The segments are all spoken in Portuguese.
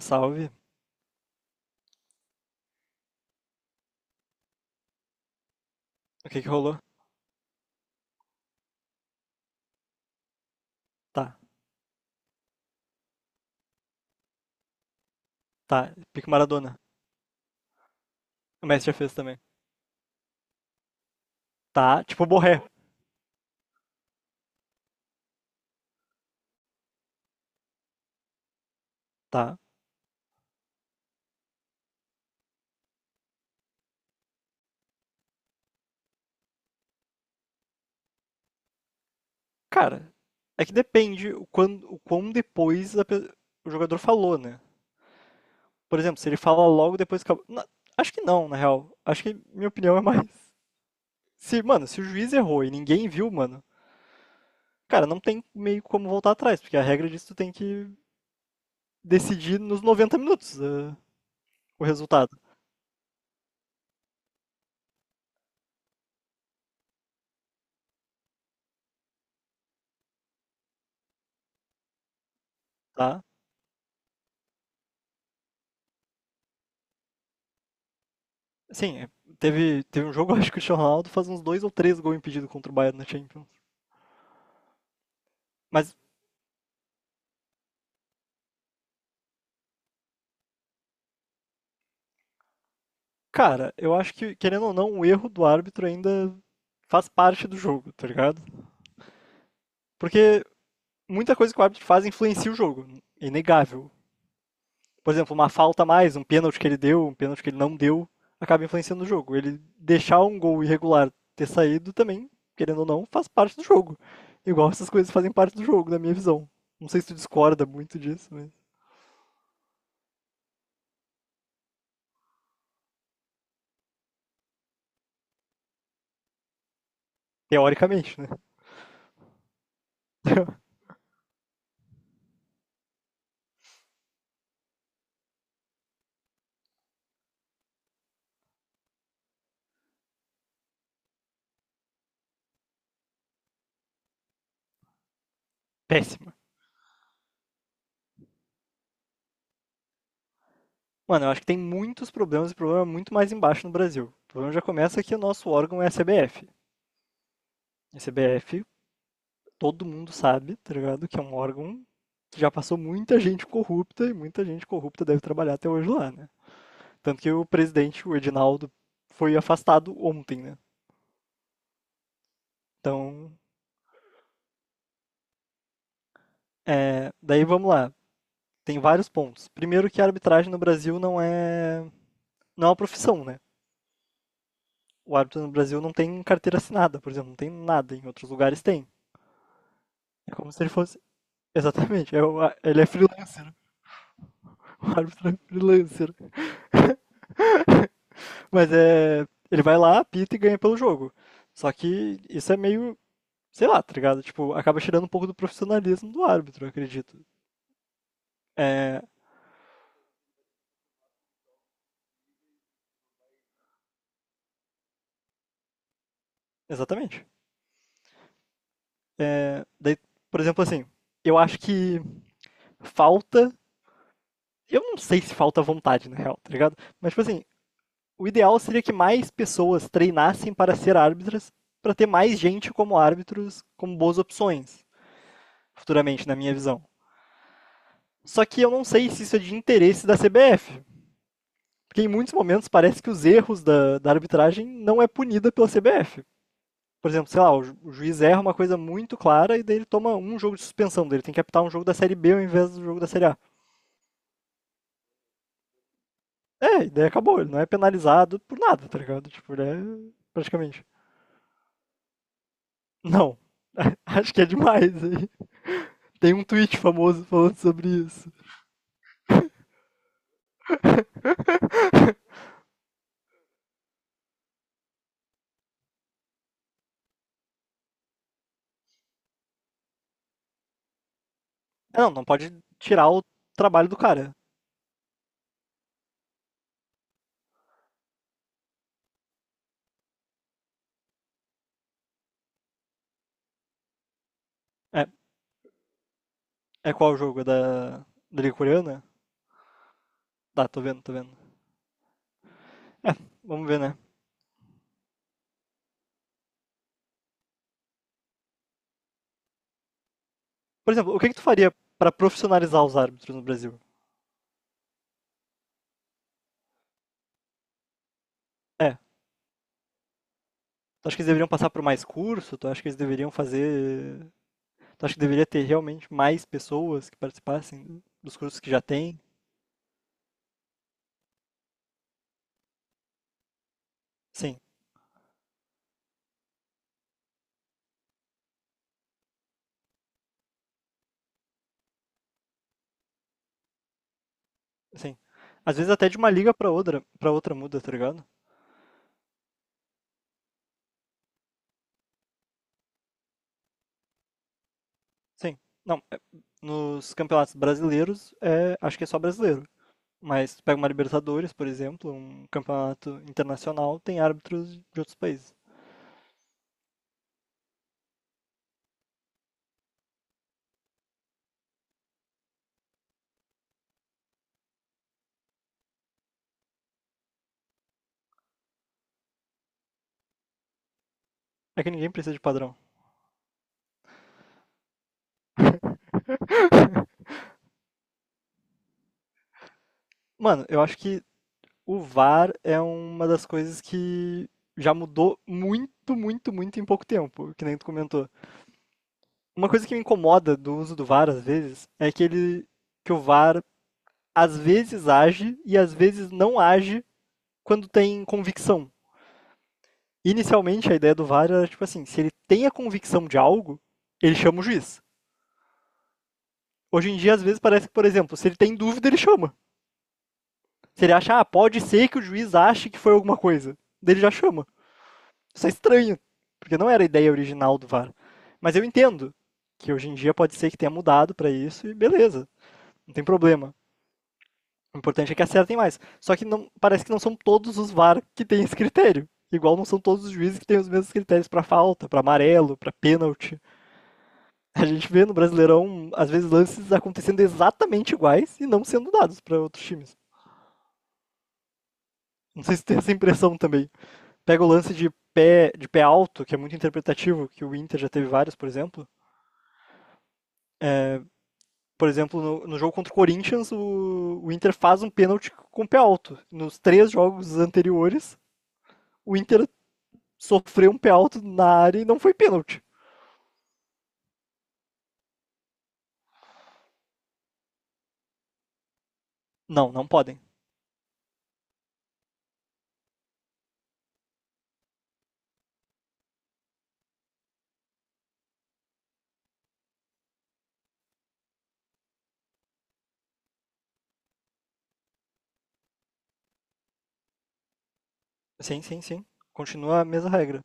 Salve. O que que rolou? Tá, tá. Pico Maradona. O Messi já fez também. Tá, tipo Borré. Tá. Cara, é que depende o quão depois o jogador falou, né? Por exemplo, se ele fala logo depois que acabou. Acho que não, na real. Acho que minha opinião é mais. Se o juiz errou e ninguém viu, mano, cara, não tem meio como voltar atrás, porque a regra diz que tu tem que decidir nos 90 minutos o resultado, tá? Sim, é, teve um jogo, acho que o Cristiano Ronaldo faz uns dois ou três gols impedidos contra o Bayern na Champions. Mas, cara, eu acho que, querendo ou não, o erro do árbitro ainda faz parte do jogo, tá ligado? Porque muita coisa que o árbitro faz influencia o jogo, é inegável. Por exemplo, uma falta a mais, um pênalti que ele deu, um pênalti que ele não deu, acaba influenciando o jogo. Ele deixar um gol irregular ter saído também, querendo ou não, faz parte do jogo. Igual essas coisas fazem parte do jogo, na minha visão. Não sei se tu discorda muito disso, mas teoricamente, né? Péssima. Mano, eu acho que tem muitos problemas e problema muito mais embaixo no Brasil. O problema já começa que o nosso órgão é a CBF. A CBF, todo mundo sabe, tá ligado? Que é um órgão que já passou muita gente corrupta e muita gente corrupta deve trabalhar até hoje lá, né? Tanto que o presidente, o Edinaldo, foi afastado ontem, né? Então, é, daí vamos lá. Tem vários pontos. Primeiro que a arbitragem no Brasil não é uma profissão, né? O árbitro no Brasil não tem carteira assinada, por exemplo, não tem nada, em outros lugares tem. É como se ele fosse exatamente, é o, ele é freelancer. O árbitro é freelancer. Mas é. Ele vai lá, apita e ganha pelo jogo. Só que isso é meio. Sei lá, tá ligado? Tipo, acaba tirando um pouco do profissionalismo do árbitro, eu acredito. É. Exatamente. É, daí, por exemplo, assim, eu acho que falta. Eu não sei se falta vontade, na real, tá ligado? Mas, tipo assim, o ideal seria que mais pessoas treinassem para ser árbitras, para ter mais gente como árbitros, como boas opções, futuramente, na minha visão. Só que eu não sei se isso é de interesse da CBF. Porque em muitos momentos parece que os erros da arbitragem não é punida pela CBF. Por exemplo, sei lá, o juiz erra uma coisa muito clara e daí ele toma um jogo de suspensão dele. Tem que apitar um jogo da Série B ao invés do jogo da Série A. É, e daí acabou. Ele não é penalizado por nada, tá ligado? Tipo, ele é praticamente. Não. Acho que é demais aí. Tem um tweet famoso falando sobre isso. Não, não pode tirar o trabalho do cara. É, é qual o jogo? É da Liga Coreana? Tá, tô vendo, tô vendo. É, vamos ver, né? Por exemplo, o que que tu faria pra profissionalizar os árbitros no Brasil? É, tu acha que eles deveriam passar por mais curso? Tu acha que eles deveriam fazer... Tu acha que deveria ter realmente mais pessoas que participassem dos cursos que já tem? Sim, sim. Às vezes até de uma liga pra outra, para outra muda, tá ligado? Sim. Não, é- nos campeonatos brasileiros, é, acho que é só brasileiro. Mas tu pega uma Libertadores, por exemplo, um campeonato internacional, tem árbitros de outros países. É que ninguém precisa de padrão. Mano, eu acho que o VAR é uma das coisas que já mudou muito, muito, muito em pouco tempo, que nem tu comentou. Uma coisa que me incomoda do uso do VAR às vezes é que ele, que o VAR às vezes age e às vezes não age quando tem convicção. Inicialmente a ideia do VAR era tipo assim, se ele tem a convicção de algo, ele chama o juiz. Hoje em dia às vezes parece que, por exemplo, se ele tem dúvida, ele chama. Se ele acha, ah, pode ser que o juiz ache que foi alguma coisa, dele já chama. Isso é estranho, porque não era a ideia original do VAR. Mas eu entendo que hoje em dia pode ser que tenha mudado para isso e beleza, não tem problema. O importante é que acertem mais. Só que não, parece que não são todos os VAR que têm esse critério. Igual não são todos os juízes que têm os mesmos critérios para falta, para amarelo, para pênalti. A gente vê no Brasileirão, às vezes, lances acontecendo exatamente iguais e não sendo dados para outros times. Não sei se tem essa impressão também. Pega o lance de pé alto, que é muito interpretativo, que o Inter já teve vários, por exemplo. Por exemplo, no jogo contra o Corinthians, o Inter faz um pênalti com o pé alto. Nos três jogos anteriores, o Inter sofreu um pé alto na área e não foi pênalti. Não, não podem. Sim, sim, sim. Continua a mesma regra.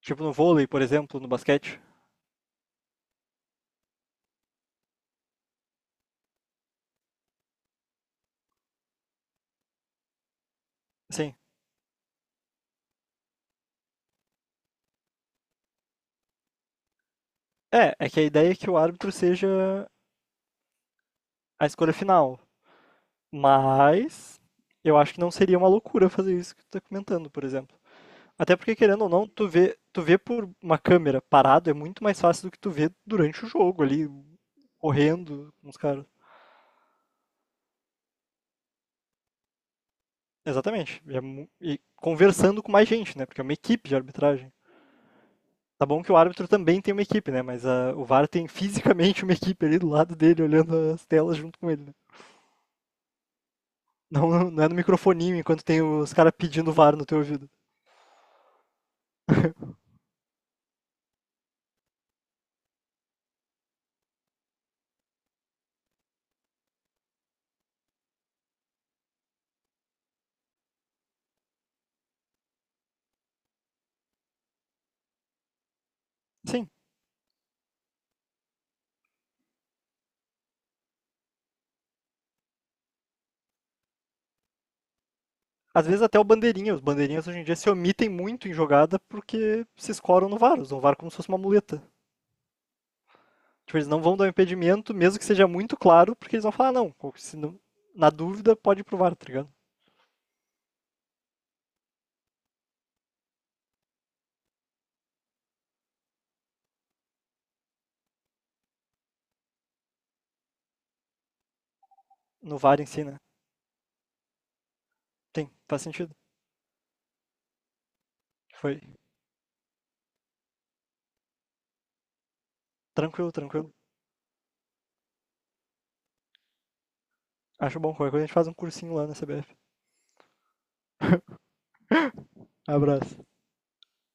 Tipo no vôlei, por exemplo, no basquete. Sim. É, é que a ideia é que o árbitro seja a escolha final. Mas eu acho que não seria uma loucura fazer isso que tu tá comentando, por exemplo. Até porque, querendo ou não, tu vê por uma câmera parado é muito mais fácil do que tu vê durante o jogo ali, correndo com os caras. Exatamente. E, e conversando com mais gente, né? Porque é uma equipe de arbitragem. Tá bom que o árbitro também tem uma equipe, né? Mas ah, o VAR tem fisicamente uma equipe ali do lado dele, olhando as telas junto com ele, né? Não, não é no microfoninho enquanto tem os caras pedindo VAR no teu ouvido. Sim. Às vezes até o bandeirinha. Os bandeirinhas hoje em dia se omitem muito em jogada porque se escoram no VAR. Usam o VAR como se fosse uma muleta. Tipo, eles não vão dar um impedimento, mesmo que seja muito claro, porque eles vão falar, não, ou se não na dúvida, pode ir pro VAR, tá ligado? No VAR em si, né? Tem, faz sentido. Foi. Tranquilo, tranquilo. Acho bom. Qualquer coisa a gente faz um cursinho lá na CBF. Abraço.